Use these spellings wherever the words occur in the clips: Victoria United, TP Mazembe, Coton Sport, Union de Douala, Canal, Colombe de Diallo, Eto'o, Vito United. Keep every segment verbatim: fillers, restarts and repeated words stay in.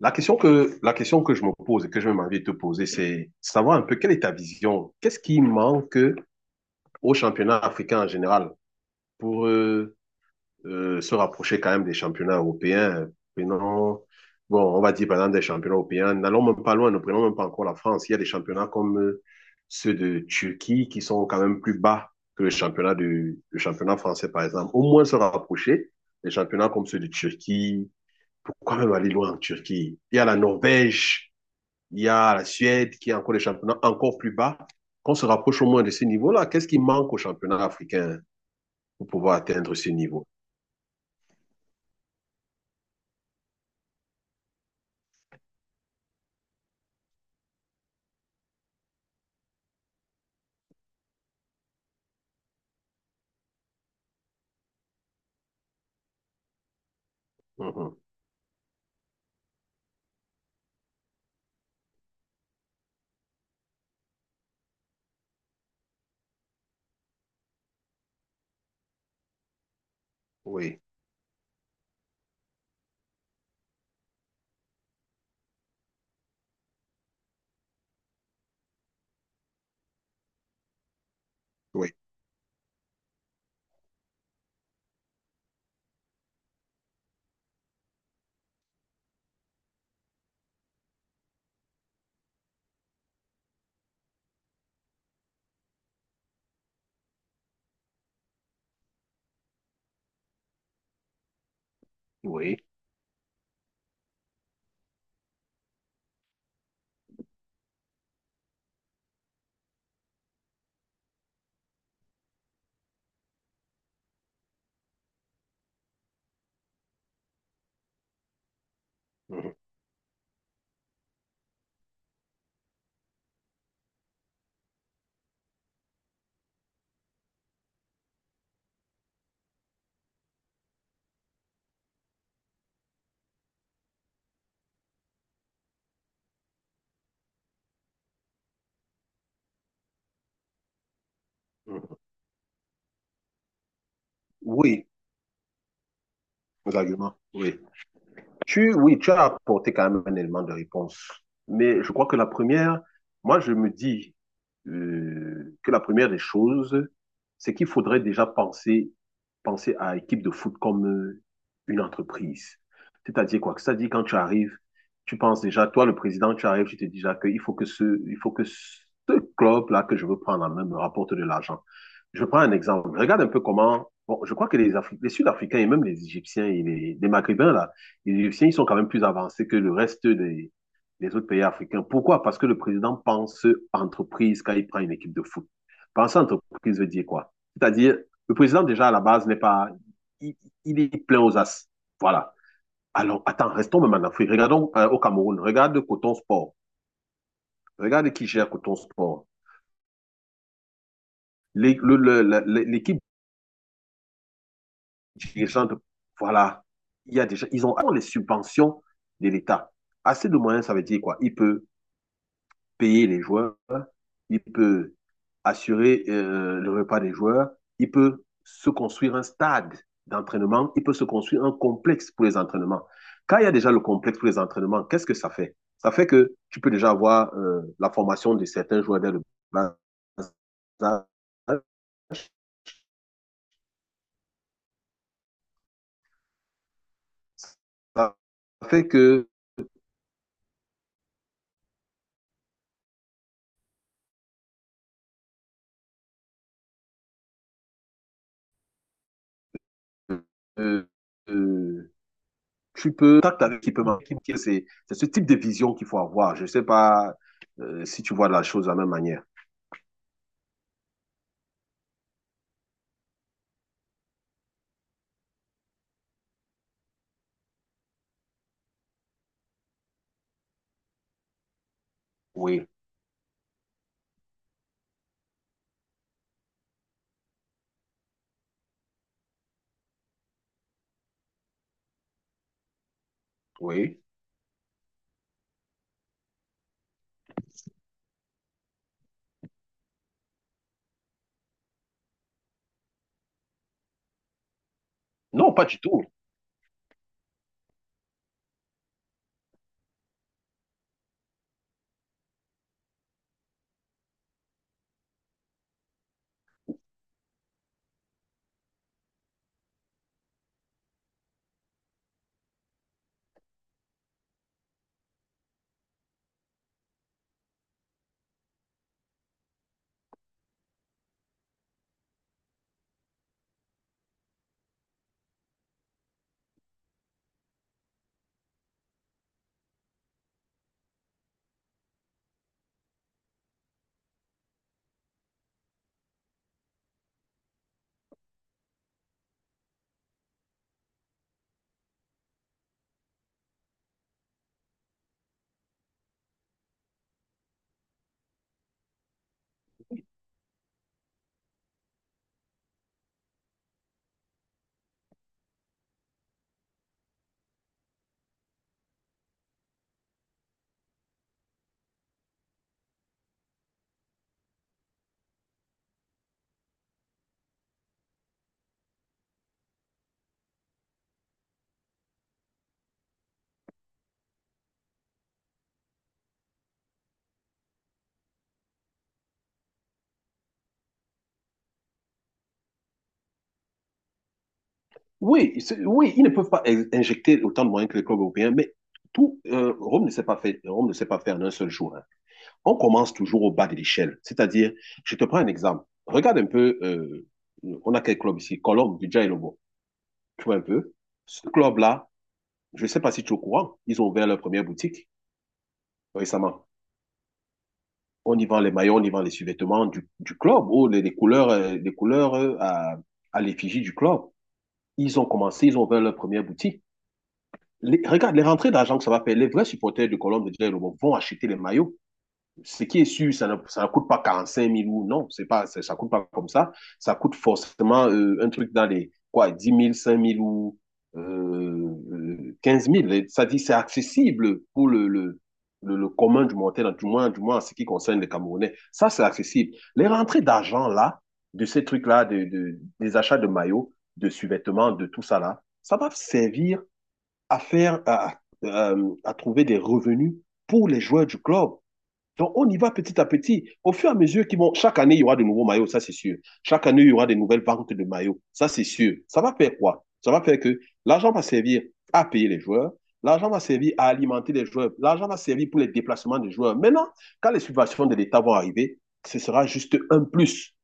La question que, la question que je me pose et que je m'envie de te poser, c'est savoir un peu quelle est ta vision. Qu'est-ce qui manque au championnat africain en général pour euh, euh, se rapprocher quand même des championnats européens? Prenons, bon, on va dire par exemple des championnats européens. N'allons même pas loin, ne prenons même pas encore la France. Il y a des championnats comme euh, ceux de Turquie qui sont quand même plus bas que le championnat, du, le championnat français, par exemple. Au moins se rapprocher des championnats comme ceux de Turquie. Pourquoi même aller loin en Turquie? Il y a la Norvège. Il y a la Suède qui a encore des championnats encore plus bas. Qu'on se rapproche au moins de ce niveau-là, qu'est-ce qui manque au championnat africain pour pouvoir atteindre ce niveau? Mhm. Oui, oui, oui. Mhm. Mhm. Oui, vos arguments, oui. Tu, oui, tu as apporté quand même un élément de réponse. Mais je crois que la première, moi, je me dis euh, que la première des choses, c'est qu'il faudrait déjà penser, penser à équipe de foot comme euh, une entreprise. C'est-à-dire quoi? C'est-à-dire quand tu arrives, tu penses déjà, toi, le président, tu arrives, tu te dis déjà qu'il faut que ce, il faut que ce club-là que je veux prendre en main me rapporte de l'argent. Je prends un exemple. Regarde un peu comment, bon, je crois que les, Afri- les Sud-Africains et même les Égyptiens et les, les Maghrébins, là, les Égyptiens, ils sont quand même plus avancés que le reste des, des autres pays africains. Pourquoi? Parce que le président pense entreprise quand il prend une équipe de foot. Penser entreprise veut dire quoi? C'est-à-dire, le président, déjà, à la base, n'est pas. Il, il, est plein aux as. Voilà. Alors, attends, restons même en Afrique. Regardons euh, au Cameroun. Regarde Coton Sport. Regarde qui gère Coton Sport. L'équipe dirigeante, voilà. Il y a déjà, ils ont, les subventions de l'État. Assez de moyens, ça veut dire quoi? Il peut payer les joueurs, il peut assurer euh, le repas des joueurs, il peut se construire un stade d'entraînement, il peut se construire un complexe pour les entraînements. Quand il y a déjà le complexe pour les entraînements, qu'est-ce que ça fait? Ça fait que tu peux déjà avoir euh, la formation de certains joueurs dès le bas. Ça fait que euh, euh, tu peux tact avec l'équipe. C'est ce type de vision qu'il faut avoir. Je ne sais pas euh, si tu vois la chose de la même manière. Oui, oui. Non, pas du tout. Oui, c'est- oui, ils ne peuvent pas in- injecter autant de moyens que les clubs européens, mais tout, euh, Rome ne sait pas faire, Rome ne sait pas faire en un seul jour, hein. On commence toujours au bas de l'échelle. C'est-à-dire, je te prends un exemple. Regarde un peu, euh, on a quel club ici? Colombe, du Lobo. Tu vois un peu? Ce club-là, je ne sais pas si tu es au courant, ils ont ouvert leur première boutique récemment. On y vend les maillots, on y vend les sous-vêtements du, du club, ou les, les couleurs, euh, les couleurs euh, à, à l'effigie du club. Ils ont commencé, ils ont ouvert leur première boutique. les- regarde, les rentrées d'argent que ça va faire, les vrais supporters de Colombe de Diallo vont acheter les maillots. Ce qui est sûr, ça ne, ça ne coûte pas quarante-cinq mille ou non, c'est pas, ça ne coûte pas comme ça. Ça coûte forcément euh, un truc dans les quoi, dix mille, cinq mille ou euh, euh, quinze. Et ça dit, c'est accessible pour le, le, le, le commun du montagne, du moins, du moins en ce qui concerne les Camerounais. Ça, c'est accessible. Les rentrées d'argent là, de ces trucs-là, de, de- des achats de maillots, de sous-vêtements, de tout ça là, ça va servir à faire, à, euh, à trouver des revenus pour les joueurs du club. Donc, on y va petit à petit. Au fur et à mesure qu'ils vont, chaque année, il y aura de nouveaux maillots, ça c'est sûr. Chaque année, il y aura de nouvelles ventes de maillots, ça c'est sûr. Ça va faire quoi? Ça va faire que l'argent va servir à payer les joueurs, l'argent va servir à alimenter les joueurs, l'argent va servir pour les déplacements des joueurs. Maintenant, quand les subventions de l'État vont arriver, ce sera juste un plus.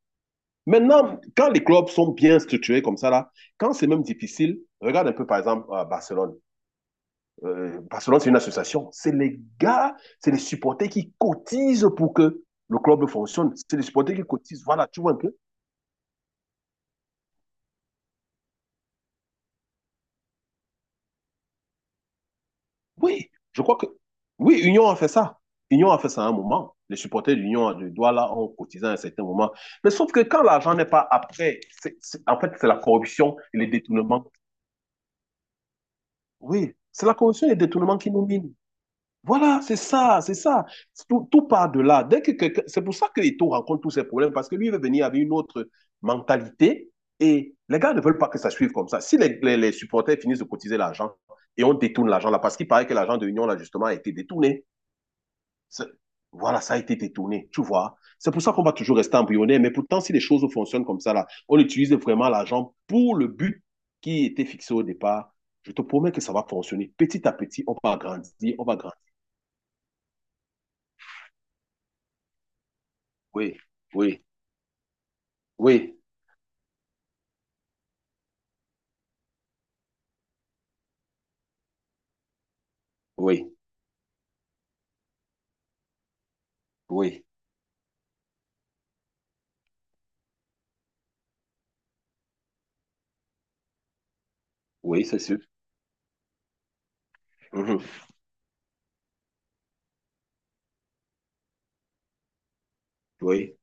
Maintenant, quand les clubs sont bien structurés comme ça, là, quand c'est même difficile, regarde un peu par exemple à Barcelone. Euh, Barcelone, c'est une association. C'est les gars, c'est les supporters qui cotisent pour que le club fonctionne. C'est les supporters qui cotisent. Voilà, tu vois un peu. Oui, je crois que. Oui, Union a fait ça. Union a fait ça à un moment. Les supporters d'Union de Douala ont cotisé à un certain moment. Mais sauf que quand l'argent n'est pas après, c est, en fait, c'est la corruption et les détournements. Oui, c'est la corruption et les détournements qui nous minent. Voilà, c'est ça, c'est ça. Tout, tout part de là. Dès que quelqu'un- c'est pour ça que Eto'o rencontre tous ces problèmes, parce que lui il veut venir avec une autre mentalité et les gars ne veulent pas que ça suive comme ça. Si les, les- les supporters finissent de cotiser l'argent et on détourne l'argent là, parce qu'il paraît que l'argent de l'Union là justement a été détourné. Voilà, ça a été détourné, tu vois. C'est pour ça qu'on va toujours rester embryonnaire, mais pourtant si les choses fonctionnent comme ça là, on utilise vraiment l'argent pour le but qui était fixé au départ. Je te promets que ça va fonctionner. Petit à petit, on va grandir, on va grandir. Oui, oui, oui, oui, oui, oui, c'est sûr. Mhm. Oui,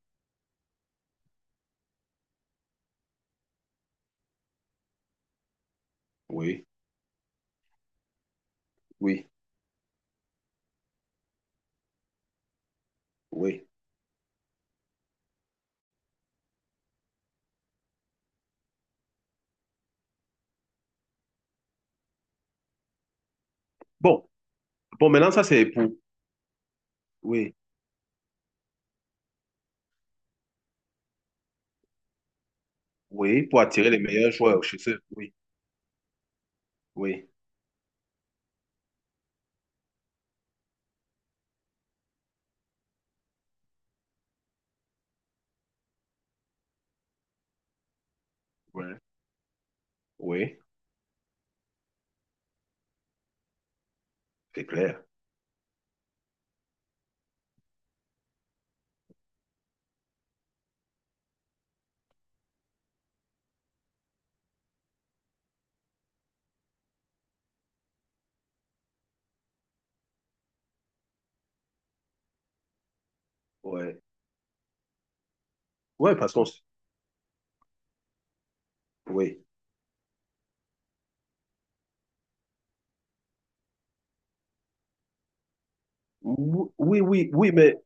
oui, oui, oui. Bon, bon, maintenant, ça, c'est pour, oui, oui, pour attirer les meilleurs joueurs chez eux. Oui, oui, oui, oui, c'est clair. Oui, oui, parce qu'on, s- oui, Ou- oui, oui, oui, mais.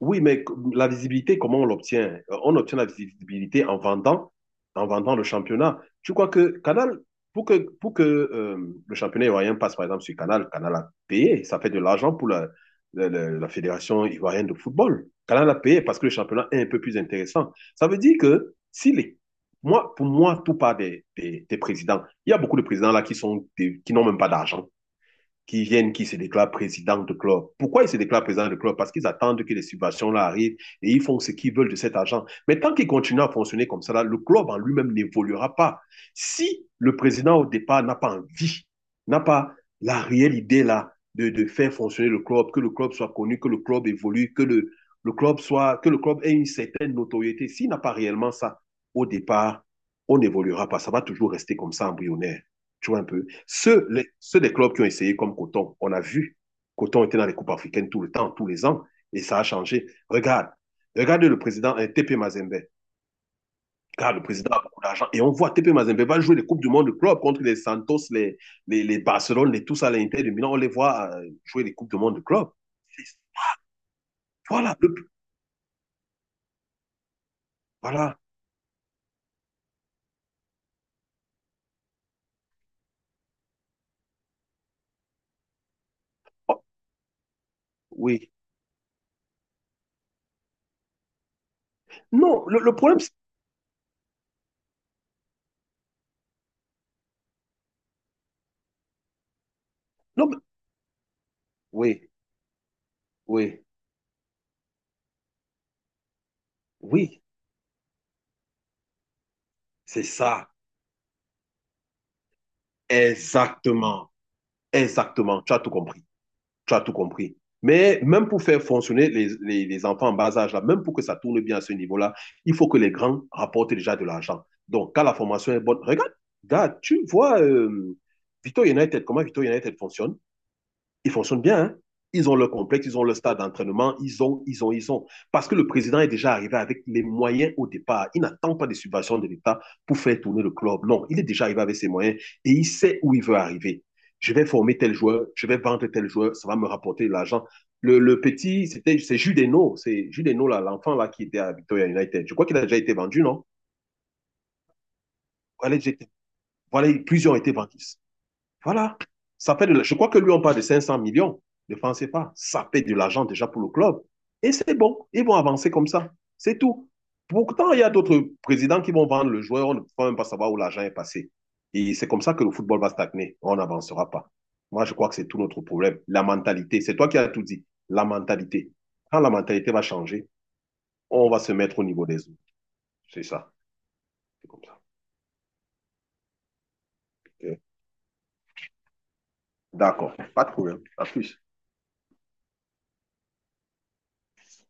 Oui, mais la visibilité, comment on l'obtient? Euh, On obtient la visibilité en vendant, en vendant le championnat. Tu crois que Canal, pour que, pour que euh, le championnat ivoirien passe par exemple sur Canal, Canal a payé, ça fait de l'argent pour la, la, la- la Fédération ivoirienne de football. Canal a payé parce que le championnat est un peu plus intéressant. Ça veut dire que si les, moi, pour moi, tout part des, des, des présidents. Il y a beaucoup de présidents là qui sont des- qui n'ont même pas d'argent qui viennent, qui se déclarent président de club. Pourquoi ils se déclarent président de club? Parce qu'ils attendent que les subventions-là arrivent et ils font ce qu'ils veulent de cet argent. Mais tant qu'ils continuent à fonctionner comme ça, là, le club en lui-même n'évoluera pas. Si le président au départ n'a pas envie, n'a pas la réelle idée là de, de, faire fonctionner le club, que le club soit connu, que le club évolue, que le, le club soit, que le club ait une certaine notoriété, s'il n'a pas réellement ça au départ, on n'évoluera pas. Ça va toujours rester comme ça embryonnaire. Tu vois un peu. Ceux, les- ceux des clubs qui ont essayé comme Coton, on a vu, Coton était dans les coupes africaines tout le temps, tous les ans, et ça a changé. Regarde, regarde le président euh, T P Mazembe. Regarde, le président a beaucoup d'argent. Et on voit T P Mazembe va jouer les Coupes du Monde de club contre les Santos, les, les, les Barcelone, les tous à l'Inter de Milan. On les voit euh, jouer les Coupes du Monde de club. Voilà, le- voilà. Oh, oui. Non, le, le problème, c'est- non, mais- oui, oui, oui, c'est ça. Exactement, exactement. Tu as tout compris. Tu as tout compris. Mais même pour faire fonctionner les, les- les enfants en bas âge, là, même pour que ça tourne bien à ce niveau-là, il faut que les grands rapportent déjà de l'argent. Donc, quand la formation est bonne, regarde, regarde, tu vois euh, Vito United, comment Vito United fonctionne. Ils fonctionnent bien, hein? Ils ont leur complexe, ils ont leur stade d'entraînement, ils ont, ils ont, ils ont. Parce que le président est déjà arrivé avec les moyens au départ. Il n'attend pas des subventions de l'État pour faire tourner le club. Non, il est déjà arrivé avec ses moyens et il sait où il veut arriver. Je vais former tel joueur, je vais vendre tel joueur, ça va me rapporter de l'argent. Le, le, petit, c'était, c'est Judeno, c'est Judeno, l'enfant là, là, qui était à Victoria United. Je crois qu'il a déjà été vendu, non? Voilà, plusieurs ont été vendus. Voilà. Ça fait de la- Je crois que lui, on parle de cinq cents millions de francs C F A. Ça fait de l'argent déjà pour le club. Et c'est bon. Ils vont avancer comme ça. C'est tout. Pourtant, il y a d'autres présidents qui vont vendre le joueur. On ne peut même pas savoir où l'argent est passé. Et c'est comme ça que le football va stagner. On n'avancera pas. Moi, je crois que c'est tout notre problème. La mentalité. C'est toi qui as tout dit. La mentalité. Quand la mentalité va changer, on va se mettre au niveau des autres. C'est ça. C'est comme ça. Ok. D'accord. Pas de problème. À plus.